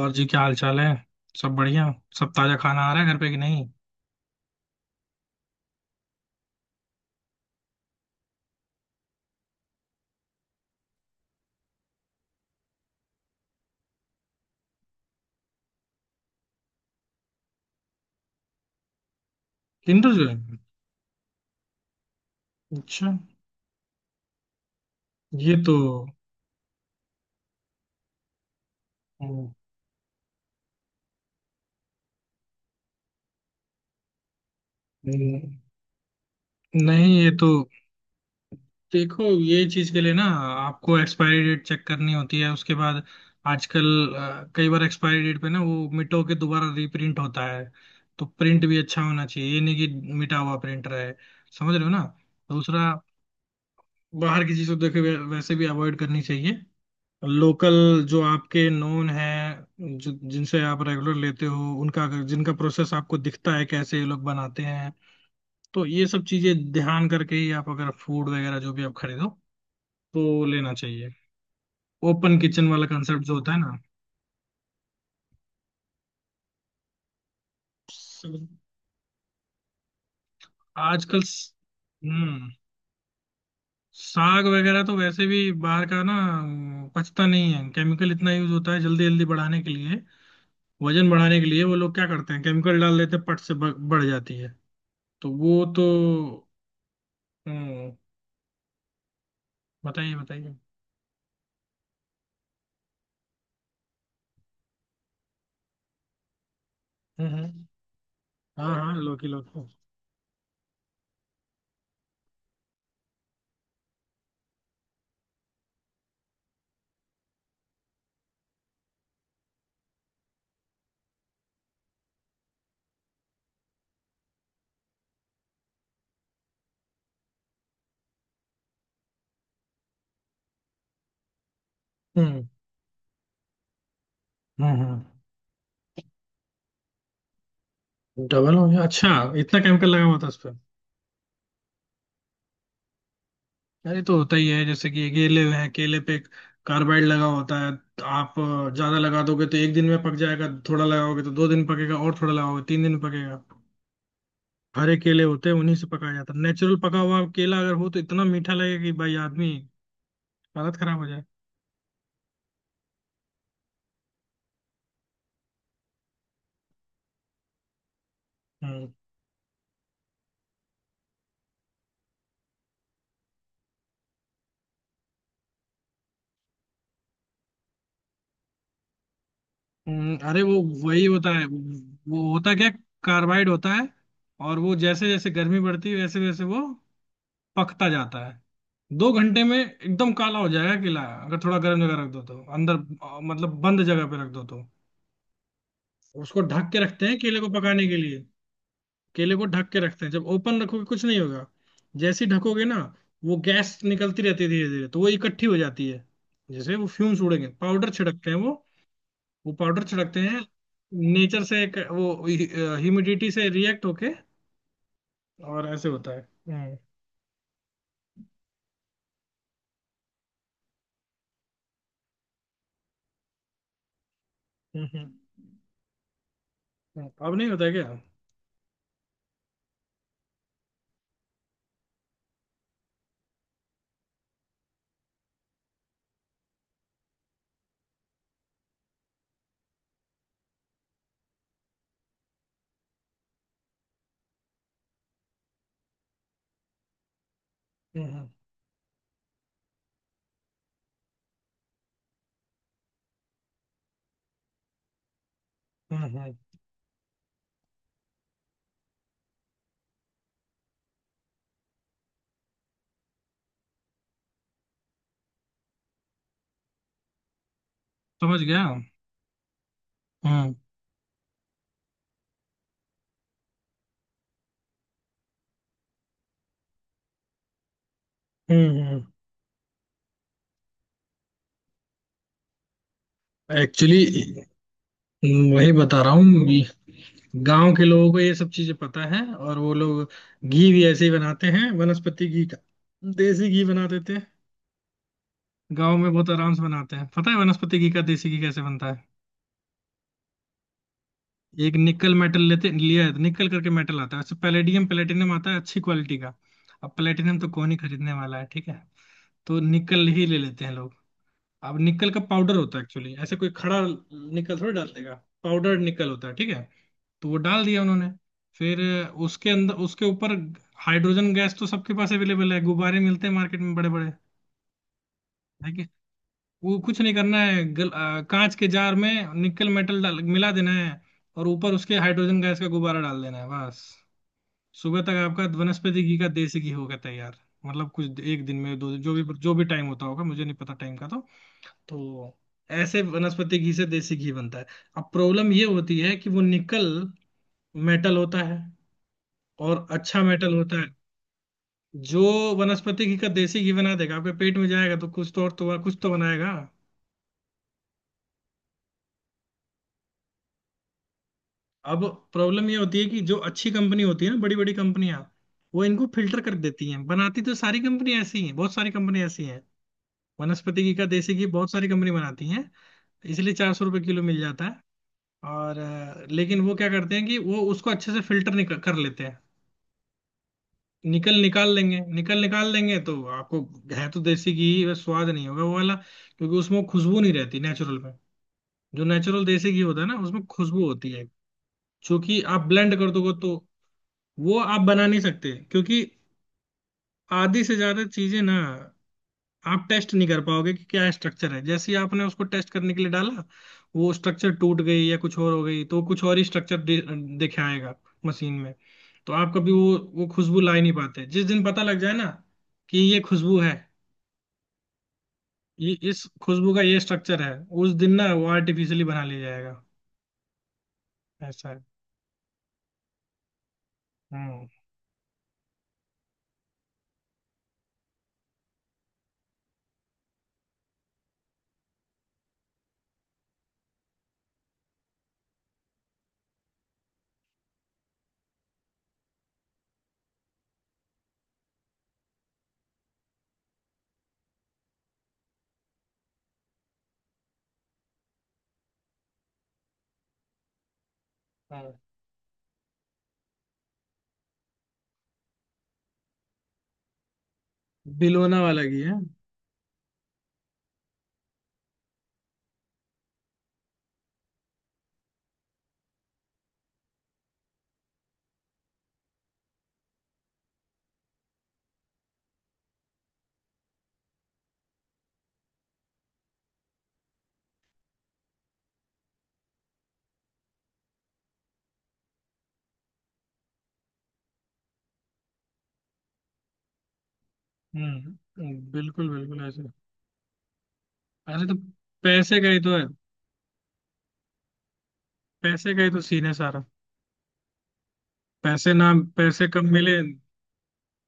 और जी क्या हाल चाल है। सब बढ़िया। सब ताजा खाना आ रहा है घर पे कि नहीं। किंडर जो है। अच्छा। ये तो। हम्म, हम्म। नहीं ये तो। देखो ये चीज के लिए ना आपको एक्सपायरी डेट चेक करनी होती है उसके बाद। आजकल कई बार एक्सपायरी डेट पे ना वो मिटो के दोबारा रीप्रिंट होता है। तो प्रिंट भी अच्छा होना चाहिए ये नहीं कि मिटा हुआ प्रिंट रहे। समझ रहे हो ना। दूसरा। बाहर की चीजों देखे वैसे भी अवॉइड करनी चाहिए। लोकल जो आपके नोन हैं जो जिनसे आप रेगुलर लेते हो उनका जिनका प्रोसेस आपको दिखता है कैसे ये लोग बनाते हैं। तो ये सब चीजें ध्यान करके ही आप अगर फूड वगैरह जो भी आप खरीदो तो लेना चाहिए। ओपन किचन वाला कंसेप्ट जो होता है ना। सब- आजकल स- हम्म साग वगैरह तो वैसे भी बाहर का ना पचता नहीं है। केमिकल इतना यूज होता है जल्दी जल्दी बढ़ाने के लिए। वजन बढ़ाने के लिए वो लोग क्या करते हैं केमिकल डाल देते हैं पट से बढ़ जाती है। तो वो तो। हम्म। बताइए बताइए। हम्म, हम्म। हाँ हाँ लौकी लौकी। हम्म, हम्म, हम्म। डबल हो गया अच्छा। इतना केमिकल लगा हुआ था उस पे। अरे तो होता ही है जैसे कि केले हैं केले पे कार्बाइड लगा होता है। तो आप ज्यादा लगा दोगे तो एक दिन में पक जाएगा। थोड़ा लगाओगे तो 2 दिन पकेगा और थोड़ा लगाओगे 3 दिन पकेगा। हरे केले होते हैं उन्हीं से पकाया जाता है। नेचुरल पका हुआ केला अगर हो तो इतना मीठा लगेगा कि भाई आदमी हालत खराब हो जाए। अरे वो वही होता है। वो होता क्या कार्बाइड होता है। और वो जैसे जैसे गर्मी बढ़ती है वैसे वैसे वो पकता जाता है। 2 घंटे में एकदम काला हो जाएगा किला अगर थोड़ा गर्म जगह रख दो तो अंदर मतलब बंद जगह पे रख दो तो उसको ढक के रखते हैं केले को पकाने के लिए। केले को ढक के रखते हैं जब ओपन रखोगे कुछ नहीं होगा। जैसे ही ढकोगे ना वो गैस निकलती रहती है धीरे धीरे तो वो इकट्ठी हो जाती है। जैसे वो फ्यूम्स उड़ेंगे पाउडर छिड़कते हैं वो। वो पाउडर छिड़कते हैं। नेचर से एक वो ह्यूमिडिटी से रिएक्ट होके और ऐसे होता है। हम्म, हम्म, अब नहीं होता है क्या। हम्म, हम्म, हम्म। समझ गया। हम्म, हम्म। एक्चुअली वही बता रहा हूँ। गांव के लोगों को ये सब चीजें पता है और वो लोग घी भी ऐसे ही बनाते हैं। वनस्पति घी का देसी घी बना देते हैं। गांव में बहुत आराम से बनाते हैं। पता है वनस्पति घी का देसी घी कैसे बनता है। एक निकल मेटल लेते लिया है निकल करके मेटल आता है अच्छा पैलेडियम प्लेटिनम आता है अच्छी क्वालिटी का। अब प्लेटिनम तो कौन ही खरीदने वाला है ठीक है। तो निकल ही ले लेते हैं लोग। अब निकल का पाउडर होता है एक्चुअली ऐसे कोई खड़ा निकल थोड़ी डाल देगा। पाउडर निकल होता है ठीक है। तो वो डाल दिया उन्होंने। फिर उसके अंदर उसके ऊपर हाइड्रोजन गैस तो सबके पास अवेलेबल है। गुब्बारे मिलते हैं मार्केट में बड़े बड़े ठीक है कि वो कुछ नहीं करना है कांच के जार में निकल मेटल डाल मिला देना है। और ऊपर उसके हाइड्रोजन गैस का गुब्बारा डाल देना है बस। सुबह तक आपका वनस्पति घी का देसी घी हो गया तैयार। मतलब कुछ एक दिन में 2 दिन जो भी टाइम होता होगा मुझे नहीं पता टाइम का तो। तो ऐसे वनस्पति घी से देसी घी बनता है। अब प्रॉब्लम ये होती है कि वो निकल मेटल होता है और अच्छा मेटल होता है। जो वनस्पति घी का देसी घी बना देगा आपके पेट में जाएगा तो कुछ तो और तो कुछ तो बनाएगा। अब प्रॉब्लम ये होती है कि जो अच्छी कंपनी होती है ना बड़ी बड़ी कंपनियां वो इनको फिल्टर कर देती हैं। बनाती तो सारी कंपनी ऐसी हैं बहुत सारी कंपनी ऐसी हैं। वनस्पति घी का देसी घी बहुत सारी कंपनी बनाती हैं। इसलिए 400 रुपये किलो मिल जाता है। और लेकिन वो क्या करते हैं कि वो उसको अच्छे से फिल्टर निकल कर लेते हैं। निकल निकाल लेंगे तो आपको है तो देसी घी ही, बस स्वाद नहीं होगा वो वाला। क्योंकि उसमें वो खुशबू नहीं रहती नेचुरल में। जो नेचुरल देसी घी होता है ना उसमें खुशबू होती है। क्योंकि आप ब्लेंड कर दोगे तो वो आप बना नहीं सकते क्योंकि आधी से ज्यादा चीजें ना आप टेस्ट नहीं कर पाओगे कि क्या स्ट्रक्चर है। जैसे ही आपने उसको टेस्ट करने के लिए डाला वो स्ट्रक्चर टूट गई या कुछ और हो गई तो कुछ और ही स्ट्रक्चर दिखाएगा मशीन में। तो आप कभी वो खुशबू ला ही नहीं पाते। जिस दिन पता लग जाए ना कि ये खुशबू है ये इस खुशबू का ये स्ट्रक्चर है उस दिन ना वो आर्टिफिशियली बना लिया जाएगा। ऐसा है। हम्म। हाँ। बिलोना वाला घी है। हम्म। बिल्कुल बिल्कुल ऐसे। अरे तो पैसे का ही तो है। पैसे का ही तो सीन है सारा। पैसे ना पैसे कम मिले।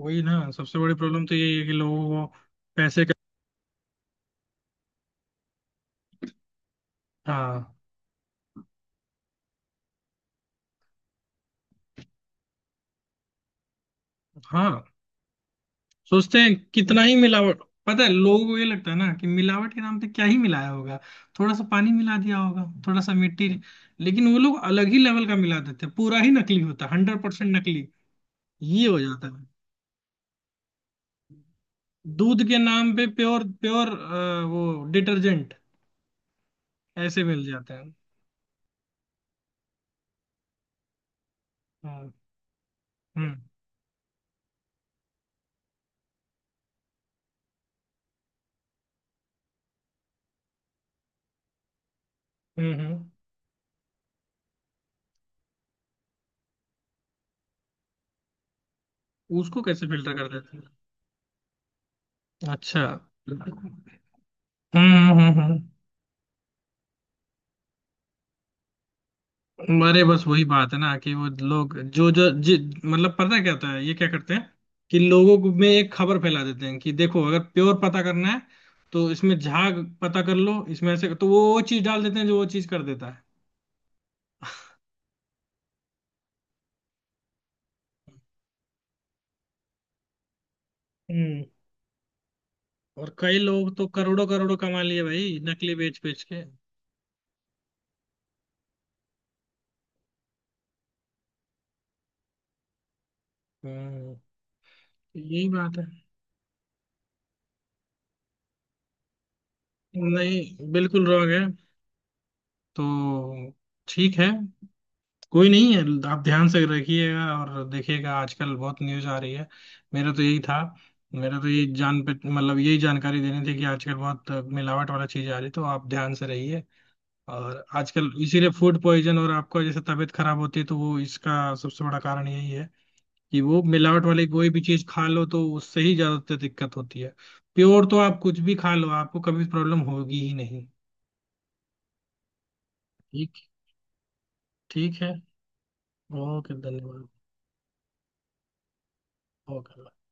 वही ना सबसे बड़ी प्रॉब्लम तो यही है कि लोगों को पैसे का। हाँ। हाँ। सोचते हैं कितना ही मिलावट पता है लोगों को ये लगता है ना कि मिलावट के नाम पे क्या ही मिलाया होगा। थोड़ा सा पानी मिला दिया होगा थोड़ा सा मिट्टी। लेकिन वो लोग अलग ही लेवल का मिला देते हैं पूरा ही नकली होता है 100% नकली। ये हो जाता है। दूध के नाम पे प्योर प्योर वो डिटर्जेंट ऐसे मिल जाते हैं। हम्म, हम्म, हम्म, उसको कैसे फिल्टर कर देते हैं अच्छा। हम्म, हम्म, हम्म, अरे बस वही बात है ना कि वो लोग जो जो जि, मतलब पता है क्या होता है ये क्या करते हैं। कि लोगों को में एक खबर फैला देते हैं कि देखो अगर प्योर पता करना है तो इसमें झाग पता कर लो। इसमें ऐसे तो वो चीज डाल देते हैं जो वो चीज कर देता है। हम्म। और कई लोग तो करोड़ों करोड़ों कमा लिए भाई नकली बेच बेच के। हम्म। यही बात है। नहीं बिल्कुल रॉन्ग है। तो ठीक है कोई नहीं है। आप ध्यान से रखिएगा और देखिएगा आजकल बहुत न्यूज आ रही है। मेरा तो यही था। मेरा तो यही जान पे मतलब यही जानकारी देनी थी कि आजकल बहुत मिलावट वाला चीज आ रही है तो आप ध्यान से रहिए। और आजकल इसीलिए फूड पॉइजन और आपका जैसे तबीयत खराब होती है तो वो इसका सबसे बड़ा कारण यही है कि वो मिलावट वाली कोई भी चीज खा लो तो उससे ही ज्यादातर दिक्कत होती है। प्योर तो आप कुछ भी खा लो आपको कभी प्रॉब्लम होगी ही नहीं। ठीक ठीक है। ओके धन्यवाद ओके।